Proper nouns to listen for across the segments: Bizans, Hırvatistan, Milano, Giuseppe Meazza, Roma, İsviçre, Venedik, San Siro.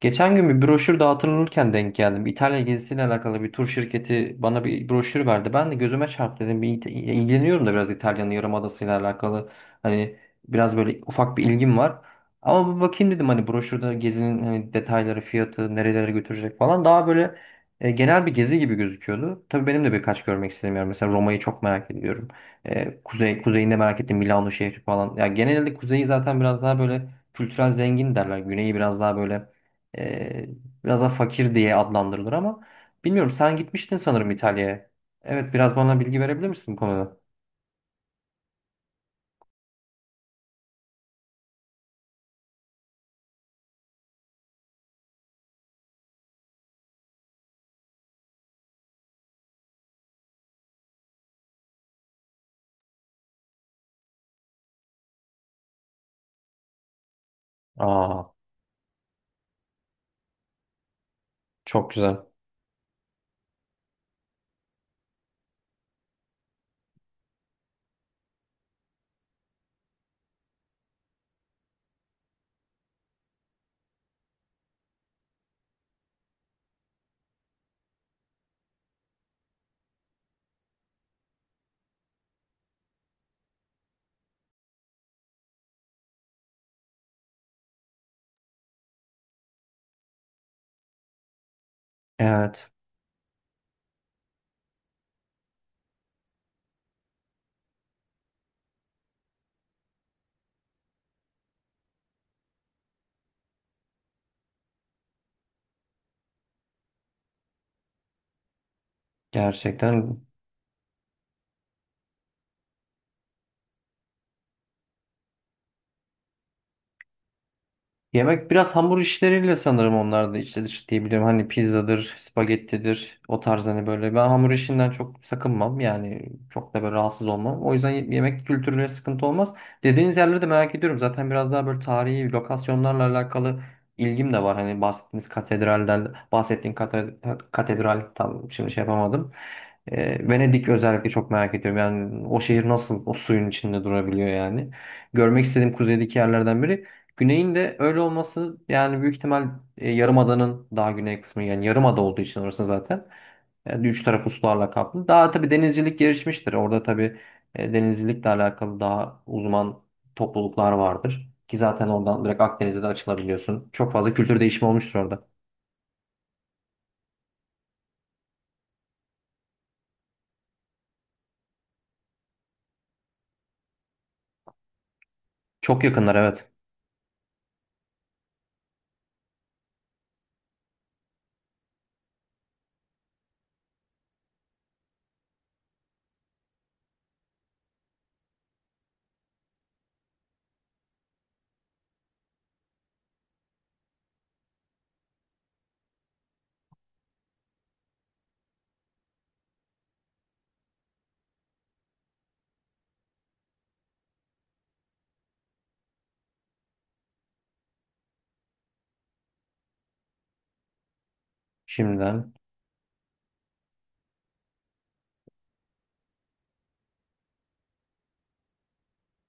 Geçen gün bir broşür dağıtılırken denk geldim. İtalya gezisiyle alakalı bir tur şirketi bana bir broşür verdi. Ben de gözüme çarptı dedim. İlgileniyorum da biraz İtalya'nın Yarımadası'yla alakalı. Hani biraz böyle ufak bir ilgim var. Ama bir bakayım dedim hani broşürde gezinin hani detayları, fiyatı, nerelere götürecek falan. Daha böyle genel bir gezi gibi gözüküyordu. Tabii benim de birkaç görmek istediğim yer. Mesela Roma'yı çok merak ediyorum. Kuzey, kuzeyinde merak ettim Milano şehri falan. Ya genelde kuzeyi zaten biraz daha böyle kültürel zengin derler. Güneyi biraz daha böyle ee, biraz da fakir diye adlandırılır ama bilmiyorum sen gitmiştin sanırım İtalya'ya. Evet, biraz bana bilgi verebilir misin bu konuda? Aa, çok güzel. Evet, gerçekten. Yemek biraz hamur işleriyle sanırım, onlar da içli dışlı diyebilirim. Hani pizzadır, spagettidir o tarz hani böyle. Ben hamur işinden çok sakınmam yani, çok da böyle rahatsız olmam. O yüzden yemek kültürüyle sıkıntı olmaz. Dediğiniz yerleri de merak ediyorum. Zaten biraz daha böyle tarihi lokasyonlarla alakalı ilgim de var. Hani bahsettiğiniz katedralden, katedral tam şimdi şey yapamadım. Venedik özellikle çok merak ediyorum. Yani o şehir nasıl o suyun içinde durabiliyor yani. Görmek istediğim kuzeydeki yerlerden biri. Güney'in de öyle olması yani, büyük ihtimal Yarımada'nın daha güney kısmı, yani Yarımada olduğu için orası zaten yani üç tarafı sularla kaplı. Daha tabii denizcilik gelişmiştir. Orada tabii denizcilikle alakalı daha uzman topluluklar vardır. Ki zaten oradan direkt Akdeniz'e de açılabiliyorsun. Çok fazla kültür değişimi olmuştur orada. Çok yakınlar, evet. Şimdiden.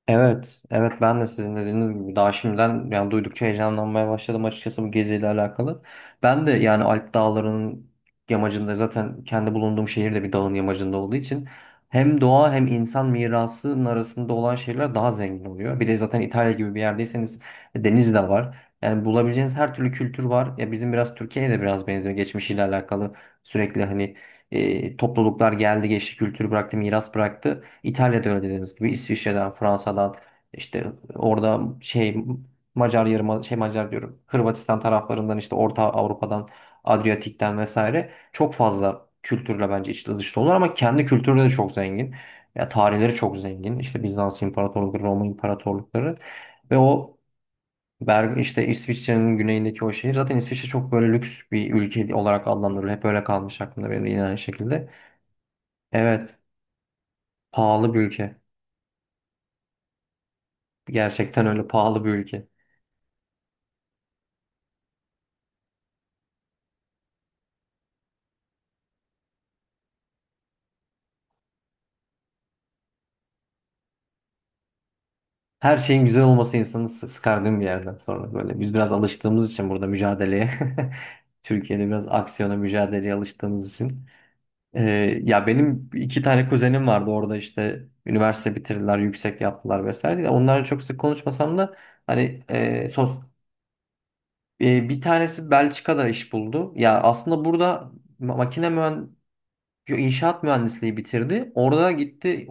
Evet, evet, ben de sizin dediğiniz gibi daha şimdiden yani duydukça heyecanlanmaya başladım açıkçası bu geziyle alakalı. Ben de yani Alp Dağları'nın yamacında, zaten kendi bulunduğum şehir de bir dağın yamacında olduğu için hem doğa hem insan mirasının arasında olan şeyler daha zengin oluyor. Bir de zaten İtalya gibi bir yerdeyseniz deniz de var. Yani bulabileceğiniz her türlü kültür var. Ya bizim biraz Türkiye'ye de biraz benziyor geçmişiyle alakalı. Sürekli hani topluluklar geldi geçti, kültür bıraktı, miras bıraktı. İtalya'da öyle dediğimiz gibi İsviçre'den, Fransa'dan, işte orada şey, Macar yarım şey, Macar diyorum. Hırvatistan taraflarından, işte Orta Avrupa'dan, Adriyatik'ten vesaire çok fazla kültürle bence içli dışlı olur ama kendi kültürü de çok zengin. Ya tarihleri çok zengin. İşte Bizans İmparatorlukları, Roma İmparatorlukları ve o Berg, işte İsviçre'nin güneyindeki o şehir, zaten İsviçre çok böyle lüks bir ülke olarak adlandırılıyor. Hep öyle kalmış aklımda benim, yine aynı şekilde. Evet, pahalı bir ülke. Gerçekten öyle pahalı bir ülke. Her şeyin güzel olması insanı sıkardığım bir yerden sonra böyle. Biz biraz alıştığımız için burada mücadeleye. Türkiye'de biraz aksiyona, mücadeleye alıştığımız için. Ya benim iki tane kuzenim vardı orada, işte üniversite bitirdiler, yüksek yaptılar vesaire. Ya onlarla çok sık konuşmasam da hani bir tanesi Belçika'da iş buldu. Ya aslında burada makine mühendisliği, inşaat mühendisliği bitirdi. Orada gitti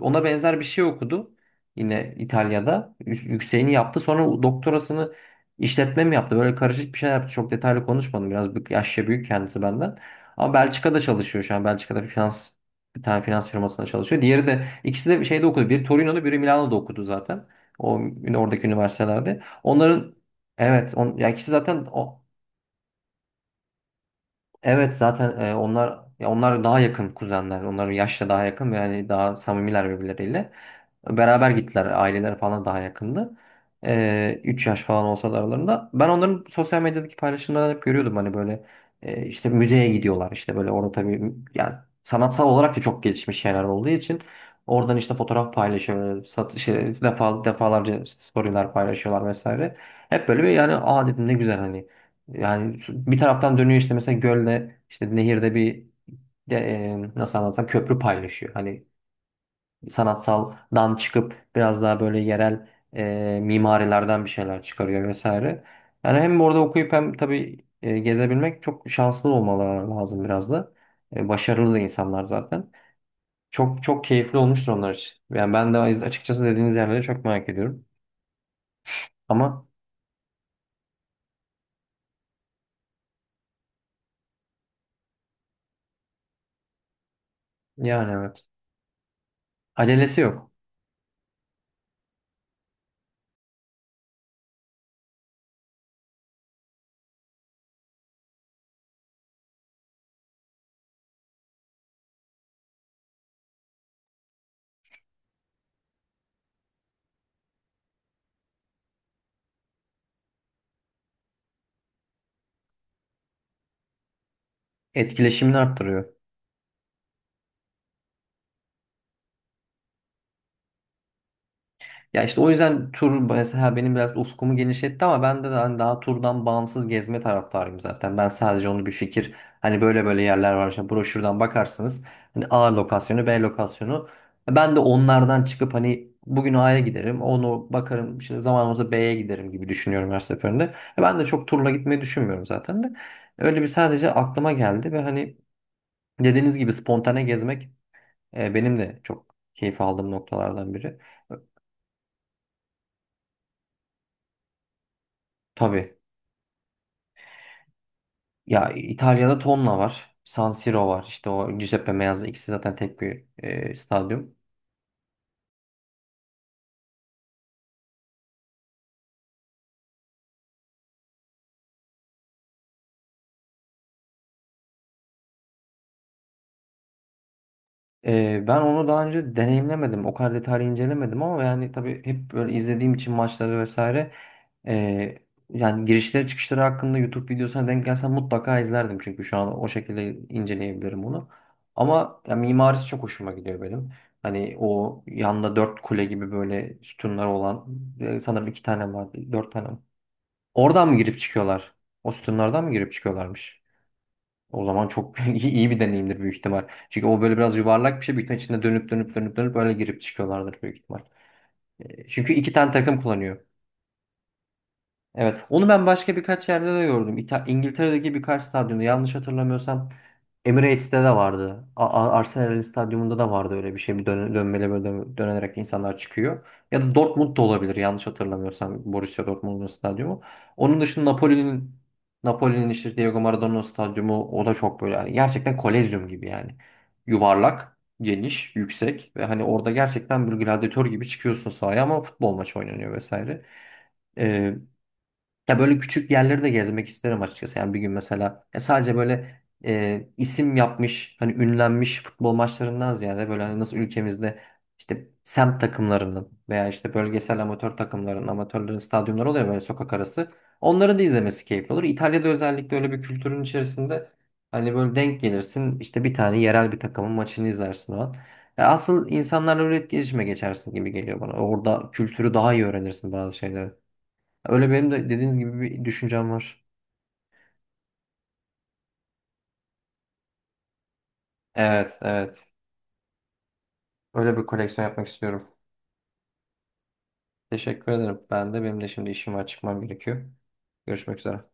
ona benzer bir şey okudu. Yine İtalya'da. Yükseğini yaptı. Sonra doktorasını işletme mi yaptı? Böyle karışık bir şey yaptı. Çok detaylı konuşmadım. Yaşça büyük kendisi benden. Ama Belçika'da çalışıyor şu an. Belçika'da bir tane finans firmasında çalışıyor. Diğeri de, ikisi de şeyde okudu. Biri Torino'da, biri Milano'da okudu zaten. O Oradaki üniversitelerde. Onların evet, on, ya ikisi zaten o evet zaten e, onlar ya onlar daha yakın kuzenler. Onların yaşça daha yakın ve yani daha samimiler birbirleriyle. Beraber gittiler. Aileler falan daha yakındı. 3 yaş falan olsa da aralarında. Ben onların sosyal medyadaki paylaşımlarını hep görüyordum. Hani böyle işte müzeye gidiyorlar, işte böyle orada tabii yani sanatsal olarak da çok gelişmiş şeyler olduğu için oradan işte fotoğraf paylaşıyorlar. Satış, şey, defa, defalarca işte storyler paylaşıyorlar vesaire. Hep böyle bir yani aa dedim ne güzel hani. Yani bir taraftan dönüyor işte, mesela gölde, işte nehirde nasıl anlatsam köprü paylaşıyor. Hani sanatsaldan çıkıp biraz daha böyle yerel mimarilerden bir şeyler çıkarıyor vesaire. Yani hem orada okuyup hem tabii gezebilmek, çok şanslı olmaları lazım biraz da. Başarılı da insanlar zaten. Çok çok keyifli olmuştur onlar için. Yani ben de açıkçası dediğiniz yerleri çok merak ediyorum. Ama yani evet. Acelesi yok. Etkileşimini arttırıyor. Ya işte o yüzden tur mesela benim biraz ufkumu genişletti ama ben de hani daha turdan bağımsız gezme taraftarıyım zaten. Ben sadece onu bir fikir, hani böyle böyle yerler var işte, broşürden bakarsınız. Hani A lokasyonu, B lokasyonu. Ben de onlardan çıkıp hani bugün A'ya giderim, onu bakarım, işte zaman olursa B'ye giderim gibi düşünüyorum her seferinde. E, ben de çok turla gitmeyi düşünmüyorum zaten de. Öyle bir sadece aklıma geldi ve hani dediğiniz gibi spontane gezmek benim de çok keyif aldığım noktalardan biri. Tabii. Ya İtalya'da tonla var. San Siro var. İşte o Giuseppe Meazza, ikisi zaten tek bir stadyum. Ben onu daha önce deneyimlemedim. O kadar detaylı incelemedim ama yani tabii hep böyle izlediğim için maçları vesaire, e, yani girişleri çıkışları hakkında YouTube videosuna denk gelsem mutlaka izlerdim. Çünkü şu an o şekilde inceleyebilirim onu. Ama ya, mimarisi çok hoşuma gidiyor benim. Hani o yanda dört kule gibi böyle sütunlar olan sanırım iki tane vardı. Dört tane. Oradan mı girip çıkıyorlar? O sütunlardan mı girip çıkıyorlarmış? O zaman çok iyi, bir deneyimdir büyük ihtimal. Çünkü o böyle biraz yuvarlak bir şey. Büyük ihtimal içinde dönüp öyle girip çıkıyorlardır büyük ihtimal. Çünkü iki tane takım kullanıyor. Evet. Onu ben başka birkaç yerde de gördüm. İngiltere'deki birkaç stadyumda, yanlış hatırlamıyorsam Emirates'te de vardı. Arsenal'in stadyumunda da vardı öyle bir şey. Bir dön dönmeli, böyle dönerek insanlar çıkıyor. Ya da Dortmund'da olabilir, yanlış hatırlamıyorsam Borussia Dortmund'un stadyumu. Onun dışında Napoli'nin işte Diego Maradona'nın stadyumu, o da çok böyle yani gerçekten kolezyum gibi yani. Yuvarlak, geniş, yüksek ve hani orada gerçekten bir gladyatör gibi çıkıyorsun sahaya ama futbol maçı oynanıyor vesaire. Ya böyle küçük yerleri de gezmek isterim açıkçası. Yani bir gün mesela sadece böyle isim yapmış, hani ünlenmiş futbol maçlarından ziyade, böyle hani nasıl ülkemizde işte semt takımlarının veya işte bölgesel amatör takımların, amatörlerin stadyumları oluyor böyle sokak arası. Onların da izlemesi keyifli olur. İtalya'da özellikle öyle bir kültürün içerisinde hani böyle denk gelirsin, işte bir tane yerel bir takımın maçını izlersin o an. Asıl insanlarla öyle etkileşime geçersin gibi geliyor bana. Orada kültürü daha iyi öğrenirsin bazı şeyleri. Öyle benim de dediğiniz gibi bir düşüncem var. Evet, evet. Öyle bir koleksiyon yapmak istiyorum. Teşekkür ederim. Ben de, benim de şimdi işim var, çıkmam gerekiyor. Görüşmek üzere.